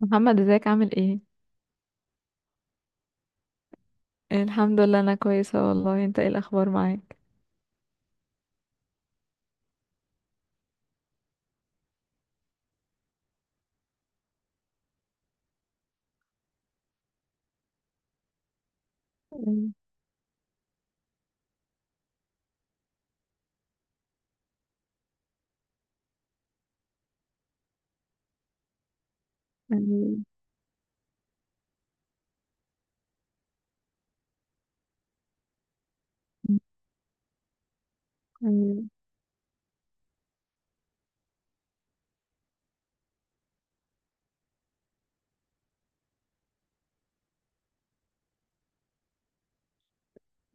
محمد ازيك؟ عامل ايه؟ الحمد لله، انا كويسه والله. انت ايه الاخبار معاك؟ أمم، أمم، أمم.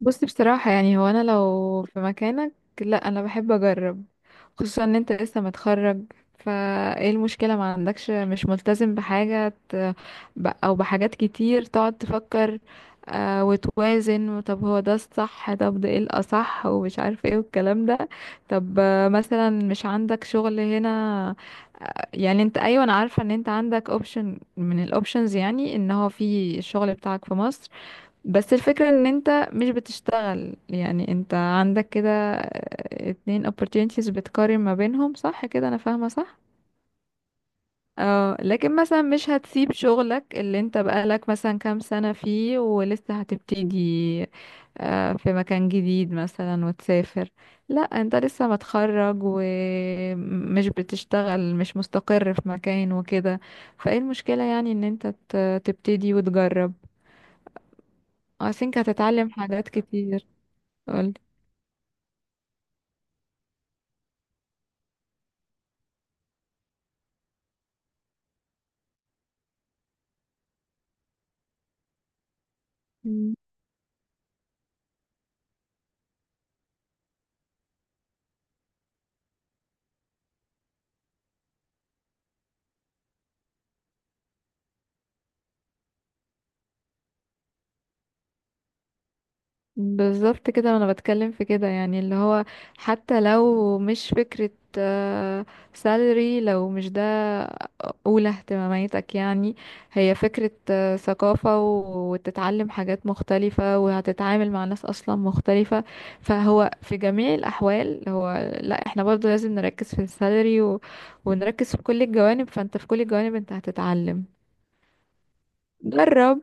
بصي بصراحه يعني هو انا لو في مكانك، لا انا بحب اجرب. خصوصا ان انت لسه متخرج، فايه المشكله؟ ما عندكش، مش ملتزم بحاجه، او بحاجات كتير تقعد تفكر وتوازن. طب هو ده الصح؟ طب ده ايه الاصح؟ ومش عارف ايه والكلام ده. طب مثلا مش عندك شغل هنا يعني. انت ايوه، انا عارفه ان انت عندك اوبشن من الاوبشنز، يعني ان هو في الشغل بتاعك في مصر، بس الفكره ان انت مش بتشتغل. يعني انت عندك كده اتنين opportunities بتقارن ما بينهم، صح كده؟ انا فاهمه صح؟ اه، لكن مثلا مش هتسيب شغلك اللي انت بقالك مثلا كام سنة فيه ولسه هتبتدي في مكان جديد مثلا وتسافر. لا انت لسه متخرج ومش بتشتغل، مش مستقر في مكان وكده، فايه المشكلة؟ يعني ان انت تبتدي وتجرب. I think هتتعلم حاجات كتير. قولي. بالظبط كده انا بتكلم في كده، يعني اللي هو حتى لو مش فكرة سالري، لو مش ده اولى اهتماماتك يعني، هي فكرة ثقافة وتتعلم حاجات مختلفة وهتتعامل مع ناس اصلا مختلفة. فهو في جميع الاحوال هو، لا احنا برضو لازم نركز في السالري و... ونركز في كل الجوانب. فانت في كل الجوانب انت هتتعلم. جرب.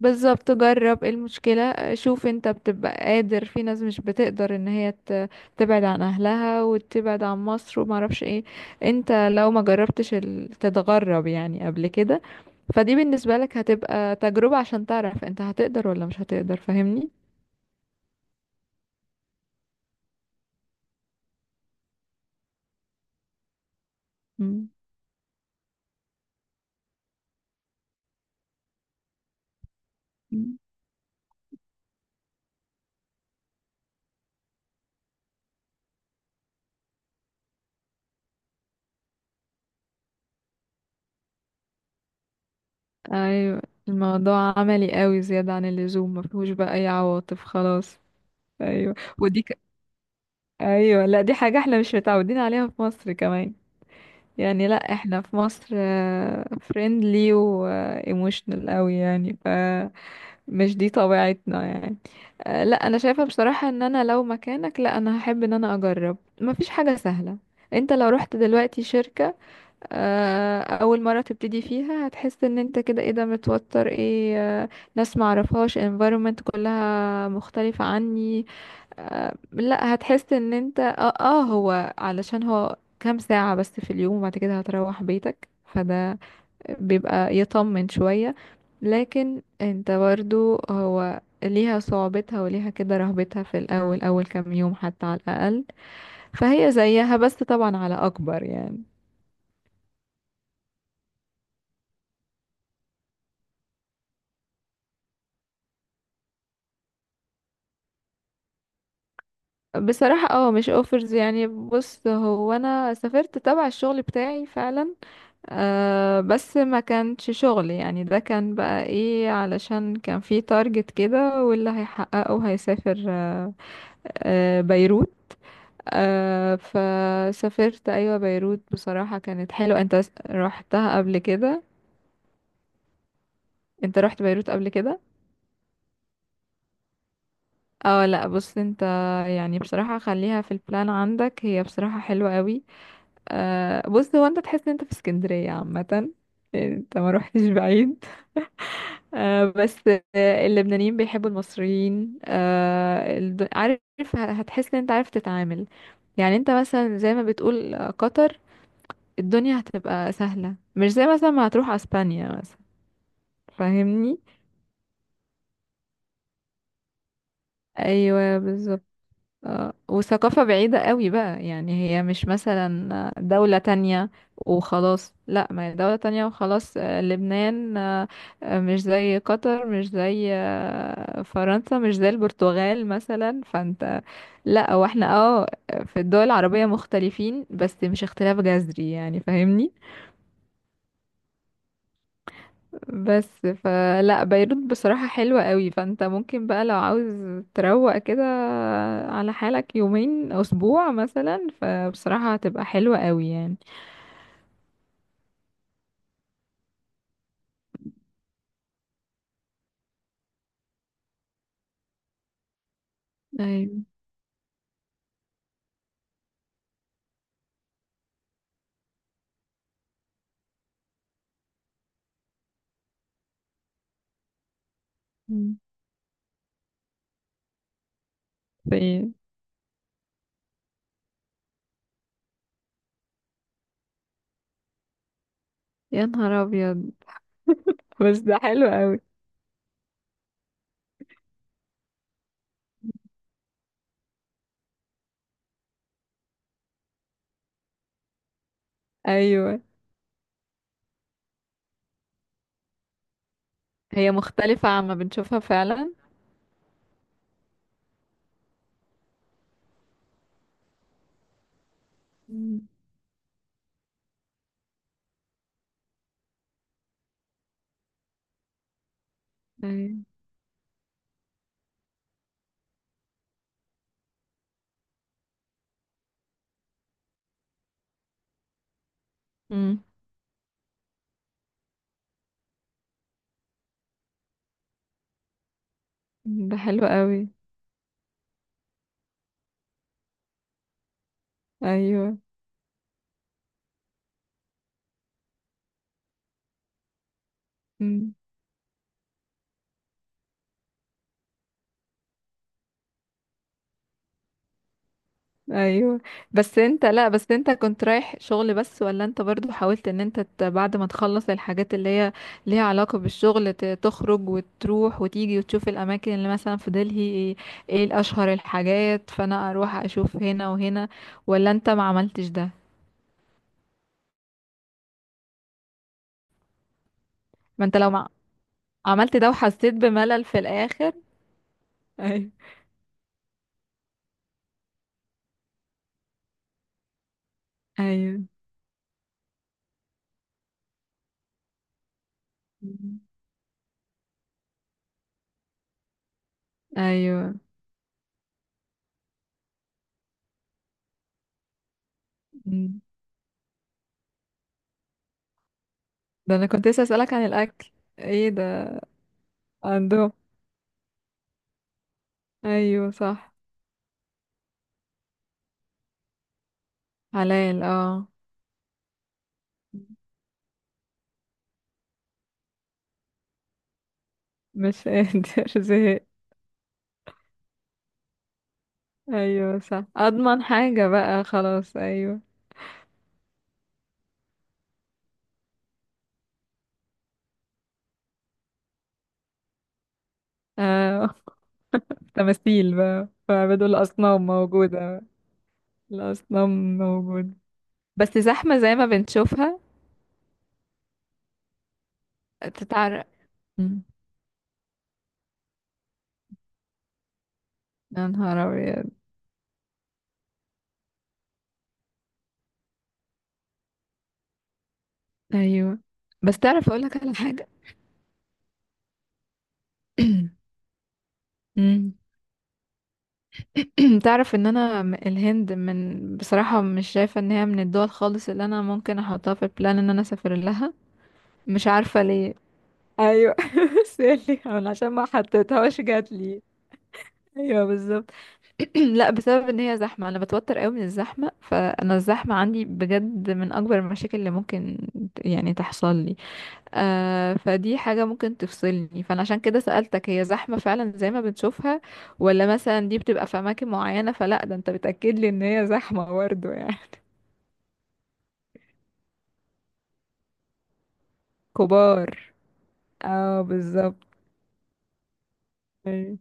بالظبط، جرب، إيه المشكلة؟ شوف انت بتبقى قادر، في ناس مش بتقدر ان هي تبعد عن اهلها وتبعد عن مصر ومعرفش ايه. انت لو ما جربتش تتغرب يعني قبل كده، فدي بالنسبة لك هتبقى تجربة عشان تعرف انت هتقدر ولا مش هتقدر، فاهمني؟ مم. مم. ايوه. الموضوع عملي قوي زيادة عن اللزوم، ما فيهوش بقى اي عواطف خلاص. ايوه ايوه، لا دي حاجة احنا مش متعودين عليها في مصر كمان يعني. لا احنا في مصر فريندلي وايموشنال قوي يعني، ف مش دي طبيعتنا يعني. لا انا شايفة بصراحة ان انا لو مكانك، لا انا هحب ان انا اجرب. مفيش حاجة سهلة، انت لو رحت دلوقتي شركة اول مرة تبتدي فيها، هتحس ان انت كده ايه ده، متوتر ايه. آه، ناس معرفهاش، environment كلها مختلفة عني. لا هتحس ان انت هو علشان هو كام ساعة بس في اليوم وبعد كده هتروح بيتك، فده بيبقى يطمن شوية. لكن انت برضو هو ليها صعوبتها وليها كده رهبتها في الأول، أول كام يوم حتى على الأقل. فهي زيها بس طبعا على أكبر يعني. بصراحة اه مش اوفرز يعني. بص هو أنا سافرت تبع الشغل بتاعي فعلا. أه بس ما كانش شغل يعني، ده كان بقى ايه، علشان كان في تارجت كده واللي هيحققه هيسافر. أه بيروت. أه فسافرت، ايوه بيروت، بصراحة كانت حلوة. انت رحتها قبل كده؟ انت رحت بيروت قبل كده؟ اه لا بص انت، يعني بصراحة خليها في البلان عندك، هي بصراحة حلوة قوي. أه بص هو انت تحس ان انت في اسكندرية عامة، يعني انت ما روحتش بعيد. آه بس اللبنانيين بيحبوا المصريين آه. عارف، هتحس ان انت عارف تتعامل. يعني انت مثلا زي ما بتقول قطر، الدنيا هتبقى سهلة، مش زي مثلا ما هتروح اسبانيا مثلا، فاهمني؟ ايوه بالظبط. وثقافة بعيدة قوي بقى، يعني هي مش مثلا دولة تانية وخلاص، لا ما هي دولة تانية وخلاص. لبنان مش زي قطر، مش زي فرنسا، مش زي البرتغال مثلا. فانت، لا واحنا اه في الدول العربية مختلفين بس مش اختلاف جذري يعني، فاهمني؟ بس فلا بيروت بصراحة حلوة قوي. فانت ممكن بقى لو عاوز تروق كده على حالك يومين او اسبوع مثلا، فبصراحة هتبقى حلوة قوي يعني. ايوه. مم. في. يا نهار ابيض! بس ده حلو قوي. ايوه. هي مختلفة عما بنشوفها فعلا. مم. ايوه. امم. ده حلو قوي. ايوه. مم. ايوه. بس انت، لا بس انت كنت رايح شغل بس؟ ولا انت برضو حاولت ان انت بعد ما تخلص الحاجات اللي هي ليها علاقة بالشغل تخرج وتروح وتيجي وتشوف الاماكن اللي مثلا في دلهي، ايه، ايه الاشهر الحاجات، فانا اروح اشوف هنا وهنا؟ ولا انت ما عملتش ده؟ ما انت لو ما عملت ده وحسيت بملل في الاخر. ايوه. ايوه. مم. ايوه. مم. ده انا كنت لسه اسالك عن الاكل. ايه ده؟ عندهم. ايوه صح. حلال اه. مش قادر زهق. ايوه صح، اضمن حاجة بقى خلاص، ايوه. آه. تماثيل بقى، فبدو الاصنام موجودة. الاصنام موجودة. بس زحمة زي ما بنشوفها؟ تتعرق. مم. يا نهار ابيض! ايوه. بس تعرف اقولك على حاجة. مم. تعرف ان انا الهند من بصراحة مش شايفة ان هي من الدول خالص اللي انا ممكن احطها في البلان ان انا اسافر لها. مش عارفة ليه. ايوه. سالي انا، عشان ما حطيتهاش جات لي. ايوه بالظبط. لا بسبب ان هي زحمه، انا بتوتر قوي من الزحمه، فانا الزحمه عندي بجد من اكبر المشاكل اللي ممكن يعني تحصل لي. آه فدي حاجه ممكن تفصلني، فانا عشان كده سالتك، هي زحمه فعلا زي ما بنشوفها؟ ولا مثلا دي بتبقى في اماكن معينه؟ فلا ده انت بتاكد لي ان هي زحمه برضه يعني. كبار. اه بالظبط. أيوة.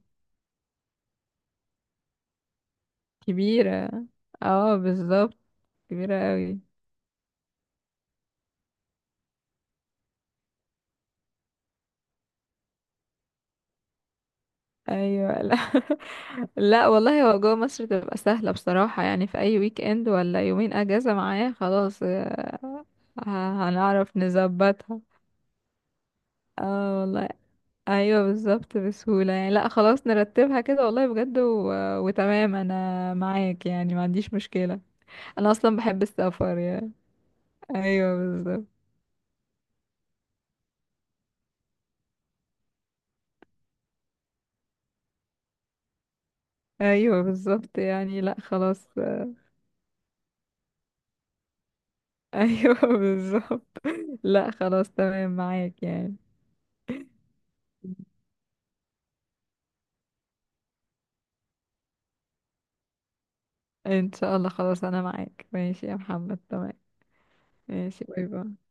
كبيره. اه بالظبط. كبيره قوي. ايوه لا. لا والله، هو جوه مصر تبقى سهله بصراحه يعني، في اي ويك اند ولا يومين اجازه معايا خلاص. هنعرف نظبطها. اه والله. ايوه بالظبط، بسهوله يعني. لا خلاص نرتبها كده والله بجد وتمام، انا معاك يعني، ما عنديش مشكله. انا اصلا بحب السفر يعني. ايوه بالظبط. ايوه بالظبط يعني، لا خلاص. ايوه بالظبط. لا خلاص تمام معاك يعني. ان شاء الله. خلاص انا معاك، ماشي يا محمد، تمام. ماشي، باي باي.